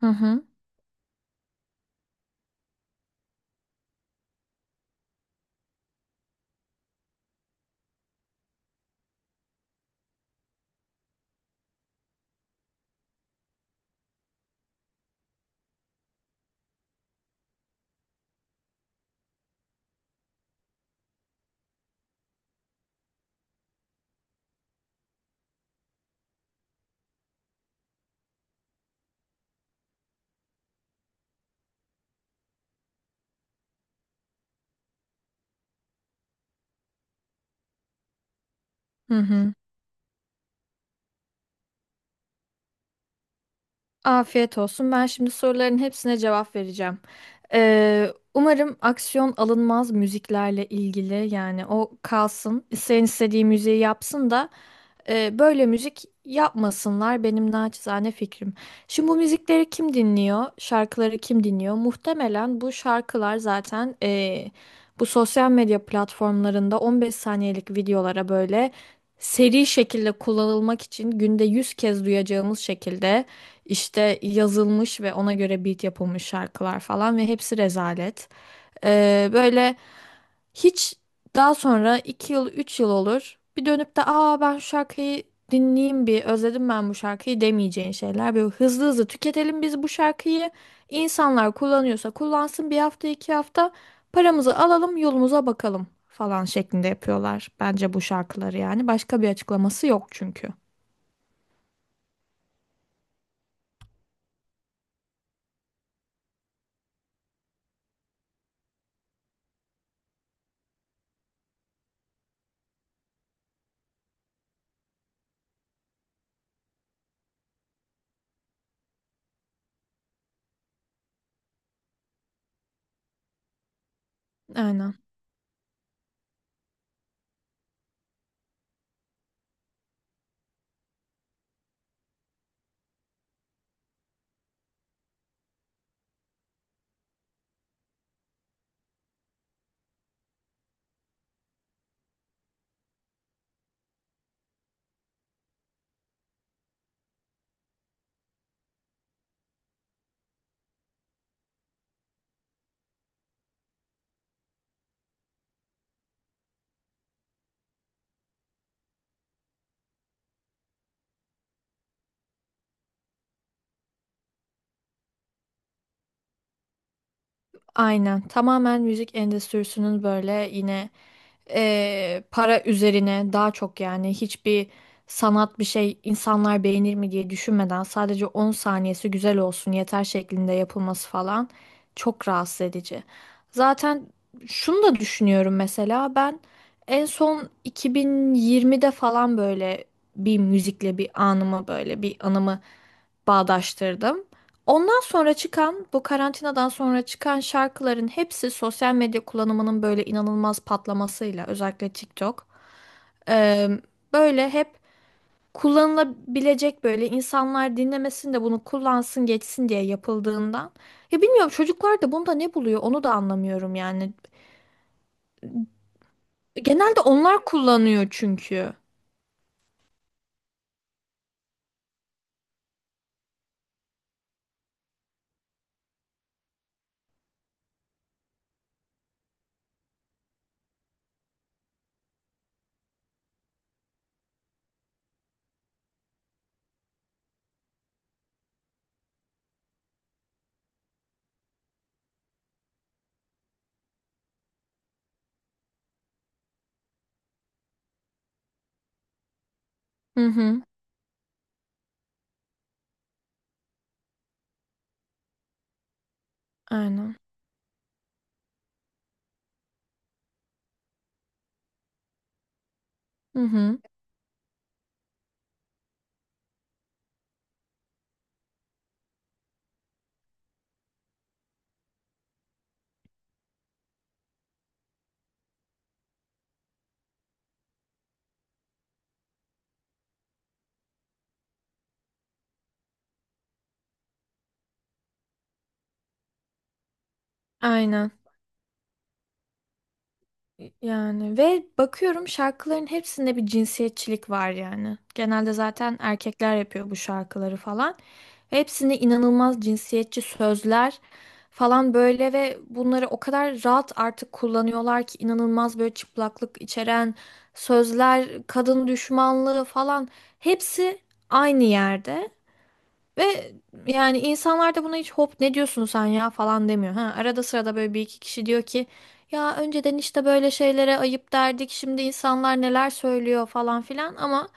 Hı hı. Hı hı. Afiyet olsun. Ben şimdi soruların hepsine cevap vereceğim. Ee, Umarım aksiyon alınmaz müziklerle ilgili yani o kalsın. İsteyen istediği müziği yapsın da böyle müzik yapmasınlar benim naçizane fikrim. Şimdi bu müzikleri kim dinliyor? Şarkıları kim dinliyor? Muhtemelen bu şarkılar zaten bu sosyal medya platformlarında 15 saniyelik videolara böyle seri şekilde kullanılmak için günde 100 kez duyacağımız şekilde işte yazılmış ve ona göre beat yapılmış şarkılar falan ve hepsi rezalet. Böyle hiç daha sonra 2 yıl 3 yıl olur bir dönüp de aa ben şu şarkıyı dinleyeyim bir özledim ben bu şarkıyı demeyeceğin şeyler. Böyle hızlı hızlı tüketelim biz bu şarkıyı insanlar kullanıyorsa kullansın bir hafta 2 hafta paramızı alalım yolumuza bakalım falan şeklinde yapıyorlar bence bu şarkıları yani başka bir açıklaması yok çünkü. Aynen. Aynen. Tamamen müzik endüstrisinin böyle yine para üzerine daha çok yani hiçbir sanat bir şey insanlar beğenir mi diye düşünmeden sadece 10 saniyesi güzel olsun yeter şeklinde yapılması falan çok rahatsız edici. Zaten şunu da düşünüyorum mesela ben en son 2020'de falan böyle bir müzikle bir anımı böyle bir anımı bağdaştırdım. Ondan sonra çıkan, bu karantinadan sonra çıkan şarkıların hepsi sosyal medya kullanımının böyle inanılmaz patlamasıyla, özellikle TikTok. e, Böyle hep kullanılabilecek böyle insanlar dinlemesin de bunu kullansın geçsin diye yapıldığından. Ya bilmiyorum çocuklar da bunda ne buluyor onu da anlamıyorum yani. Genelde onlar kullanıyor çünkü. Hı hı. Aynen. Hı hı. Aynen. Yani ve bakıyorum şarkıların hepsinde bir cinsiyetçilik var yani. Genelde zaten erkekler yapıyor bu şarkıları falan. Hepsinde inanılmaz cinsiyetçi sözler falan böyle ve bunları o kadar rahat artık kullanıyorlar ki inanılmaz böyle çıplaklık içeren sözler, kadın düşmanlığı falan hepsi aynı yerde. Ve yani insanlar da buna hiç hop ne diyorsun sen ya falan demiyor. Ha, arada sırada böyle bir iki kişi diyor ki ya önceden işte böyle şeylere ayıp derdik şimdi insanlar neler söylüyor falan filan ama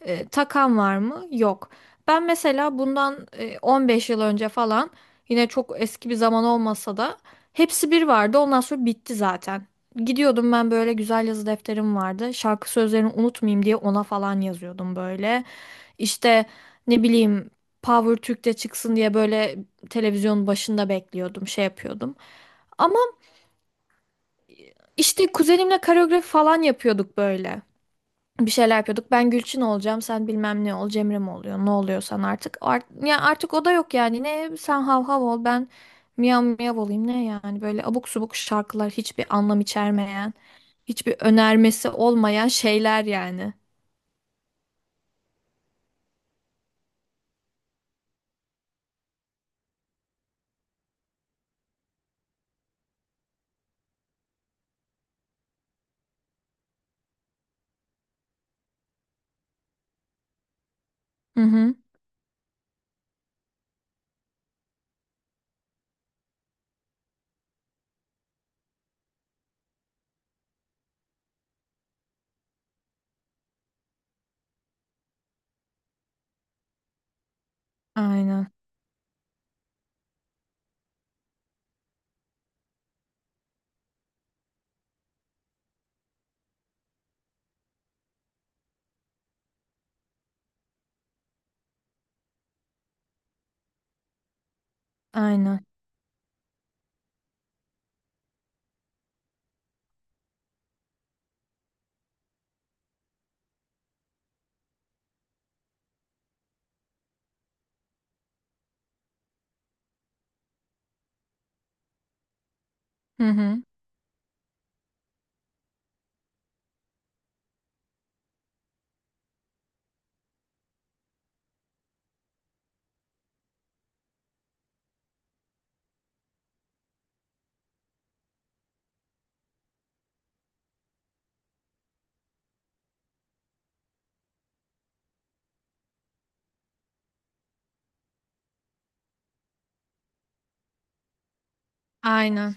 takan var mı? Yok. Ben mesela bundan 15 yıl önce falan yine çok eski bir zaman olmasa da hepsi bir vardı. Ondan sonra bitti zaten. Gidiyordum ben böyle güzel yazı defterim vardı. Şarkı sözlerini unutmayayım diye ona falan yazıyordum böyle. İşte ne bileyim Power Türk'te çıksın diye böyle televizyonun başında bekliyordum, şey yapıyordum. Ama işte kuzenimle koreografi falan yapıyorduk böyle bir şeyler yapıyorduk. Ben Gülçin olacağım, sen bilmem ne ol, Cemre mi oluyor, ne oluyorsan artık. Art ya artık o da yok yani. Ne sen hav hav ol, ben miyav miyav olayım ne yani. Böyle abuk subuk şarkılar, hiçbir anlam içermeyen, hiçbir önermesi olmayan şeyler yani. Hı hı. Aynen. Aynen. Hı hı. Aynen.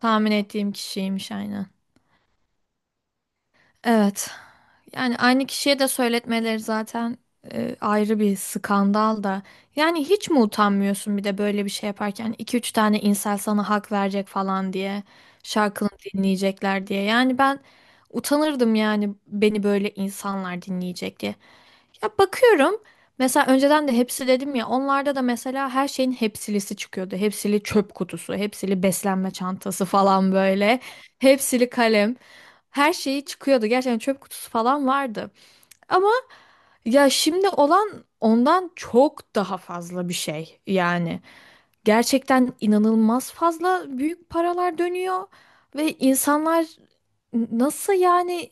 Tahmin ettiğim kişiymiş aynen. Evet. Yani aynı kişiye de söyletmeleri zaten ayrı bir skandal da. Yani hiç mi utanmıyorsun bir de böyle bir şey yaparken hani iki üç tane insan sana hak verecek falan diye, şarkını dinleyecekler diye. Yani ben utanırdım yani beni böyle insanlar dinleyecek diye. Ya bakıyorum mesela önceden de hepsi dedim ya onlarda da mesela her şeyin hepsilisi çıkıyordu. Hepsili çöp kutusu, hepsili beslenme çantası falan böyle. Hepsili kalem. Her şeyi çıkıyordu. Gerçekten çöp kutusu falan vardı. Ama ya şimdi olan ondan çok daha fazla bir şey yani. Gerçekten inanılmaz fazla büyük paralar dönüyor ve insanlar nasıl yani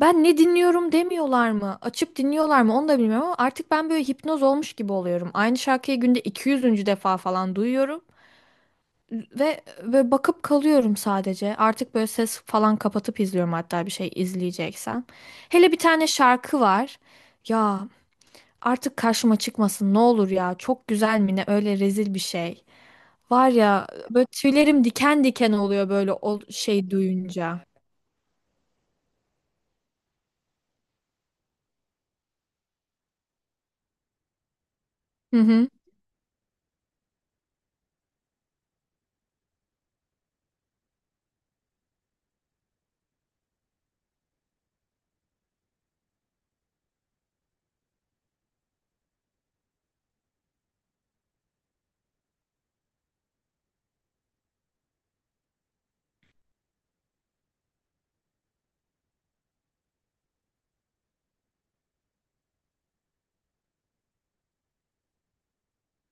ben ne dinliyorum demiyorlar mı? Açıp dinliyorlar mı? Onu da bilmiyorum ama artık ben böyle hipnoz olmuş gibi oluyorum. Aynı şarkıyı günde 200. defa falan duyuyorum ve bakıp kalıyorum sadece. Artık böyle ses falan kapatıp izliyorum hatta bir şey izleyeceksem. Hele bir tane şarkı var. Ya artık karşıma çıkmasın ne olur ya. Çok güzel mi ne öyle rezil bir şey. Var ya böyle tüylerim diken diken oluyor böyle o şey duyunca. Hı hı.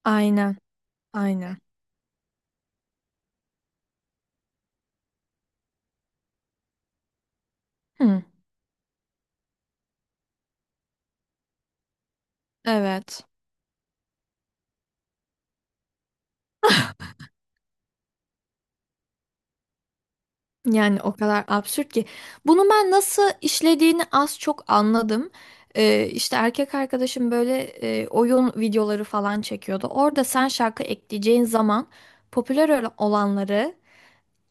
Aynen. Aynen. Hı. Evet. Yani o kadar absürt ki. Bunu ben nasıl işlediğini az çok anladım. İşte erkek arkadaşım böyle oyun videoları falan çekiyordu. Orada sen şarkı ekleyeceğin zaman popüler olanları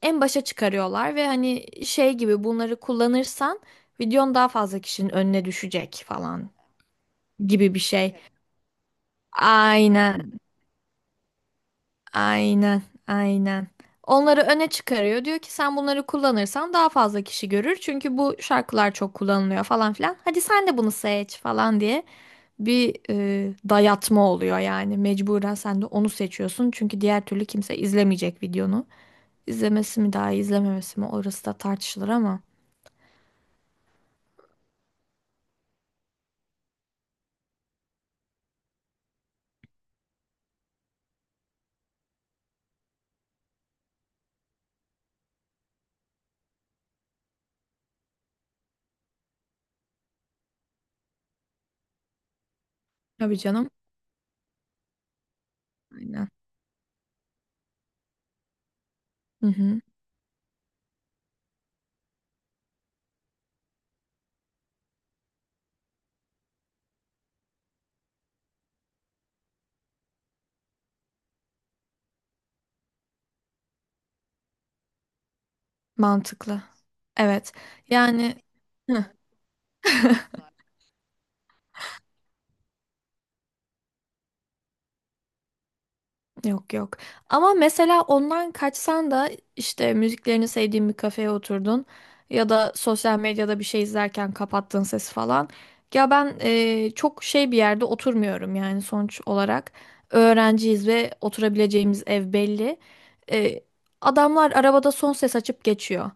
en başa çıkarıyorlar ve hani şey gibi bunları kullanırsan videon daha fazla kişinin önüne düşecek falan gibi bir şey. Aynen. Aynen, aynen. Onları öne çıkarıyor. Diyor ki sen bunları kullanırsan daha fazla kişi görür. Çünkü bu şarkılar çok kullanılıyor falan filan. Hadi sen de bunu seç falan diye bir dayatma oluyor yani. Mecburen sen de onu seçiyorsun. Çünkü diğer türlü kimse izlemeyecek videonu. İzlemesi mi daha iyi, izlememesi mi orası da tartışılır ama. Tabii canım. Aynen. Hı hı. Mantıklı. Evet. Yani... Yok yok. Ama mesela ondan kaçsan da işte müziklerini sevdiğin bir kafeye oturdun ya da sosyal medyada bir şey izlerken kapattın sesi falan. Ya ben çok şey bir yerde oturmuyorum yani sonuç olarak. Öğrenciyiz ve oturabileceğimiz ev belli. E, Adamlar arabada son ses açıp geçiyor.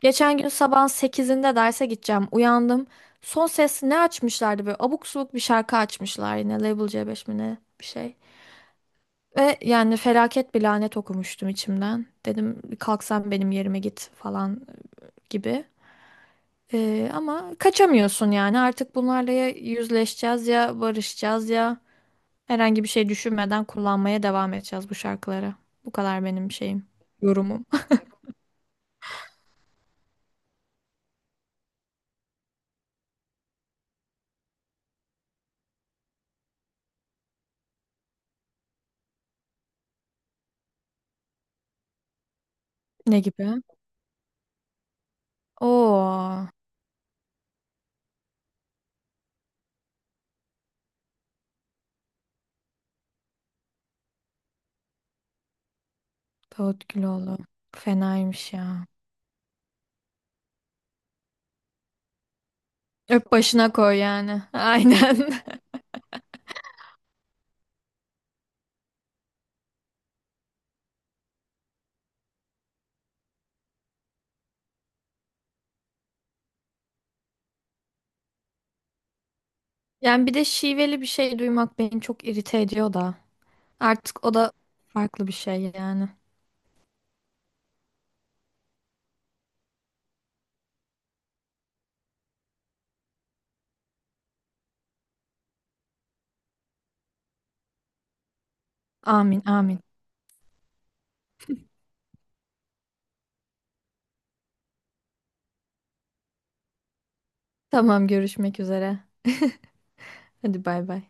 Geçen gün sabahın 8'inde derse gideceğim. Uyandım. Son ses ne açmışlardı böyle abuk subuk bir şarkı açmışlar yine Label C5 mi ne bir şey. Ve yani felaket bir lanet okumuştum içimden. Dedim kalksan benim yerime git falan gibi. Ama kaçamıyorsun yani artık bunlarla ya yüzleşeceğiz ya barışacağız ya herhangi bir şey düşünmeden kullanmaya devam edeceğiz bu şarkıları. Bu kadar benim şeyim, yorumum. Ne gibi? Oo, Davut Güloğlu. Fenaymış ya. Öp başına koy yani. Aynen. Yani bir de şiveli bir şey duymak beni çok irite ediyor da. Artık o da farklı bir şey yani. Amin, amin. Tamam, görüşmek üzere. Hadi bay bay.